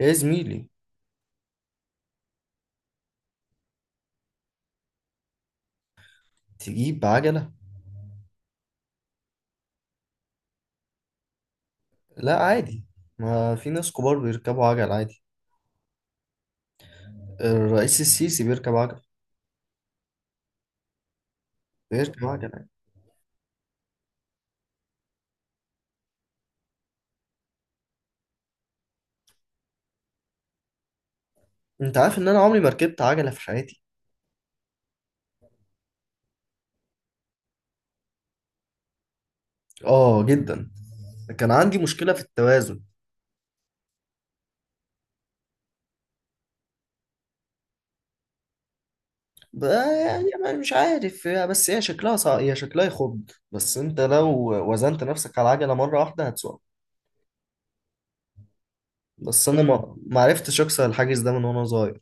يا زميلي. تجيب عجلة؟ لا عادي، ما في ناس كبار بيركبوا عجل عادي. الرئيس السيسي بيركب عجل، بيركب عجل عادي. انت عارف ان انا عمري ما ركبت عجلة في حياتي. اه جدا، كان عندي مشكلة في التوازن. ب- يعني أنا مش عارف، بس هي شكلها هي شكلها يخض، بس انت لو وزنت نفسك على العجلة مرة واحدة هتسوق. بس انا ما عرفتش اكسر الحاجز ده من وانا صغير.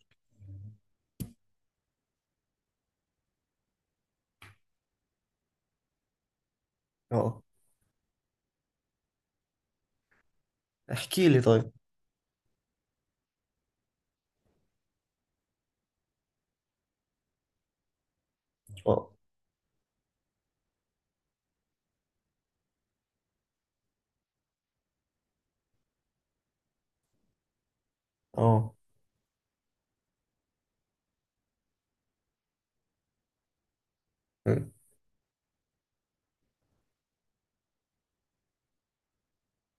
اه، احكي لي طيب. اه، اه،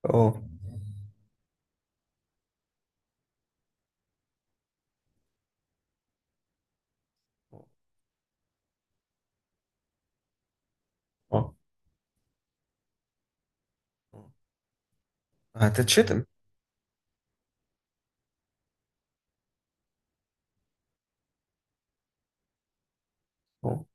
اه، اه، آه. هتتشتم. أه.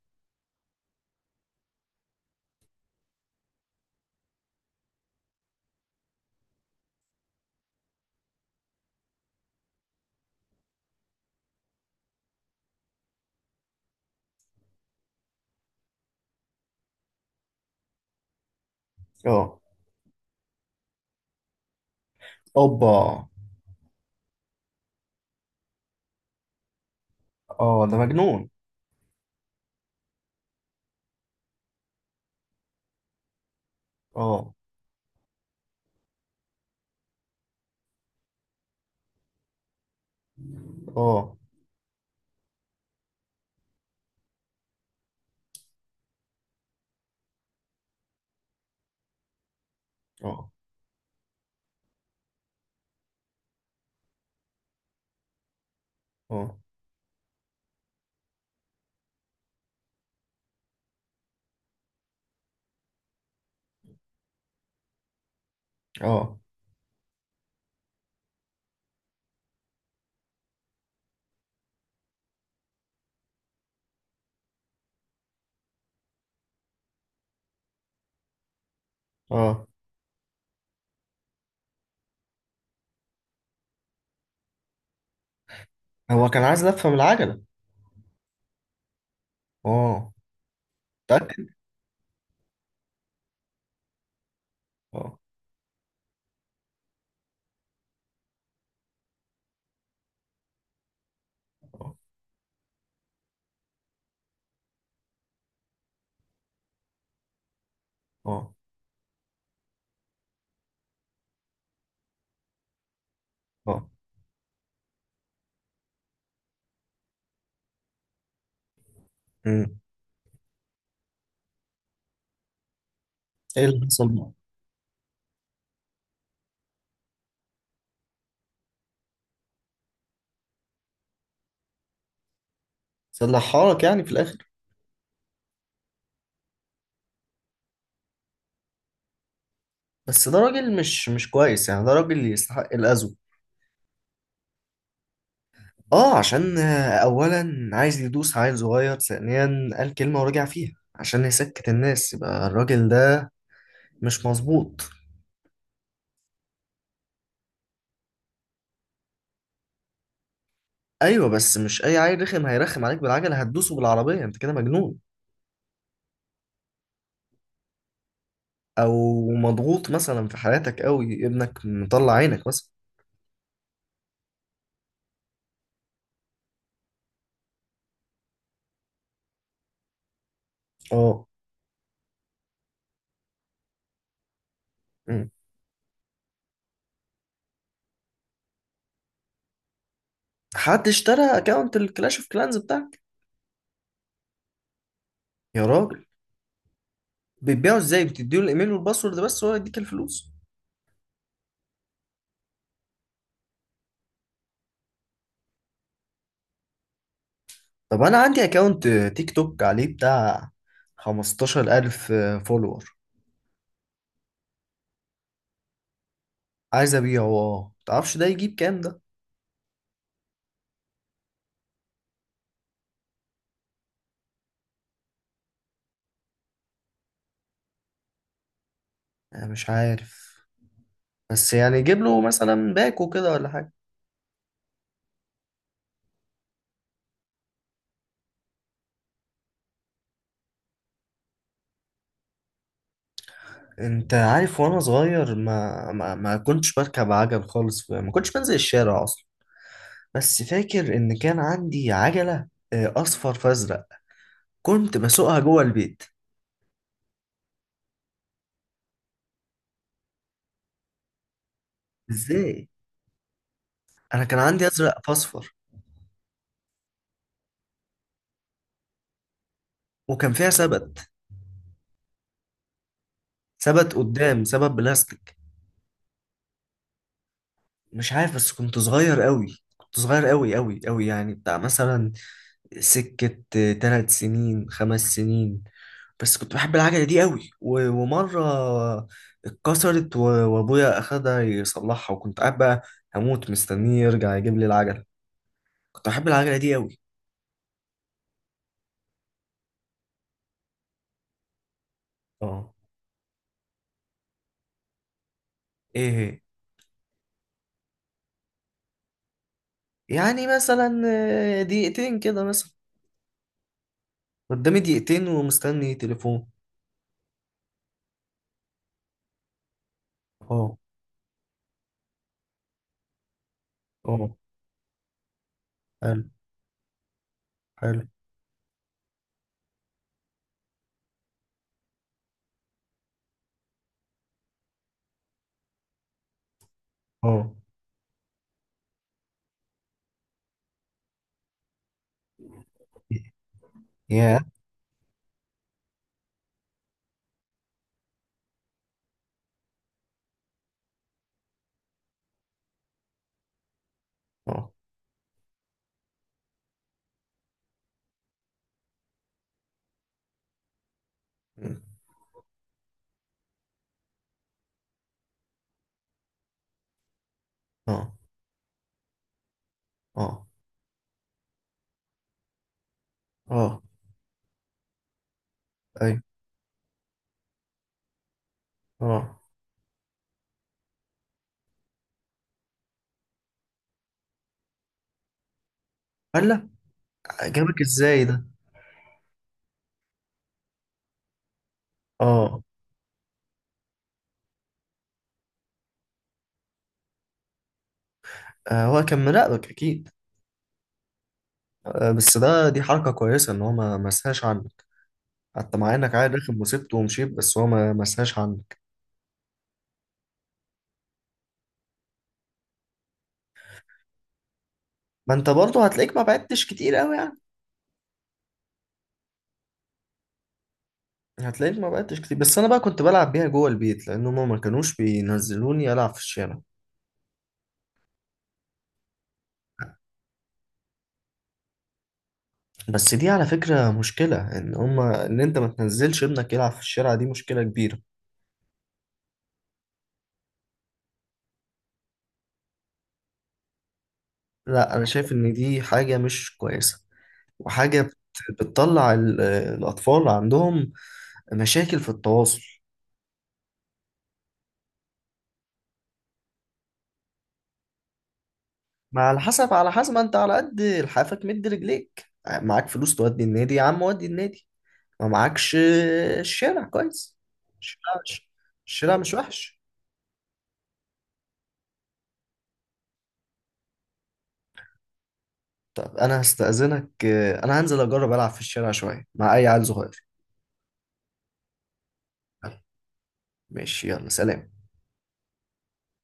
اه. اوبا. اه ده مجنون. اه، اه، اه، اه، اه. اه، هو كان عايز لفه من العجله؟ اه، متأكد؟ اه، اه، اه، اه. أمم. ايه اللي حصل بقى؟ صلحها لك يعني في الاخر؟ بس ده راجل مش كويس، يعني ده راجل يستحق الاذى. اه، عشان اولا عايز يدوس عيل صغير، ثانيا قال كلمه ورجع فيها عشان يسكت الناس، يبقى الراجل ده مش مظبوط. ايوه، بس مش اي عيل رخم هيرخم عليك بالعجله هتدوسه بالعربيه؟ انت كده مجنون. او مضغوط مثلا في حياتك قوي، ابنك مطلع عينك مثلا. اه. أمم. حد اشترى اكونت الكلاش اوف كلانز بتاعك؟ يا راجل! بتبيعه ازاي؟ بتديله الايميل والباسورد بس وهو يديك الفلوس؟ طب انا عندي اكونت تيك توك عليه بتاع 15000 فولور. عايز ابيعه. اه، متعرفش ده يجيب كام ده؟ انا مش عارف، بس يعني جيب له مثلا باكو كده ولا حاجه. انت عارف، وانا صغير ما كنتش بركب عجل خالص، ما كنتش بنزل الشارع اصلا. بس فاكر ان كان عندي عجلة اصفر فازرق، كنت بسوقها جوه البيت. ازاي؟ انا كان عندي ازرق فاصفر. وكان فيها سبت؟ سبت قدام، سبت بلاستيك. مش عارف، بس كنت صغير قوي، كنت صغير قوي، يعني بتاع مثلا سكة تلات سنين، خمس سنين. بس كنت بحب العجلة دي قوي، ومرة اتكسرت و- وأبويا أخدها يصلحها، وكنت قاعد بقى هموت مستنيه يرجع يجيب لي العجلة. كنت بحب العجلة دي قوي. اه. إيه هي؟ يعني مثلا دقيقتين كده مثلا؟ قدامي دقيقتين ومستني تليفون. اه. اه. حلو، حلو. اه. يا. اه، اه، اه، اه. ايوه. اه. هلا، جابك ازاي ده؟ اه. هو كان مراقبك اكيد. بس ده دي حركة كويسة ان هو ما مسهاش عنك، حتى مع انك عادي داخل مصيبته ومشيت بس هو ما مسهاش عنك. ما انت برضه هتلاقيك ما بعدتش كتير قوي يعني. هتلاقيك ما بعدتش كتير، بس انا بقى كنت بلعب بيها جوه البيت، لان هما ما كانوش بينزلوني العب في الشارع. بس دي على فكرة مشكلة، ان هما ان انت ما تنزلش ابنك يلعب في الشارع دي مشكلة كبيرة. لا انا شايف ان دي حاجة مش كويسة، وحاجة بتطلع الاطفال عندهم مشاكل في التواصل. ما على حسب، على حسب، ما انت على قد لحافك مد رجليك. معاك فلوس تودي النادي يا عم ودي النادي، ما معاكش الشارع كويس. الشارع مش الشارع مش وحش. طب انا هستأذنك، انا هنزل اجرب العب في الشارع شوية مع اي عيل صغير. ماشي، يلا سلام.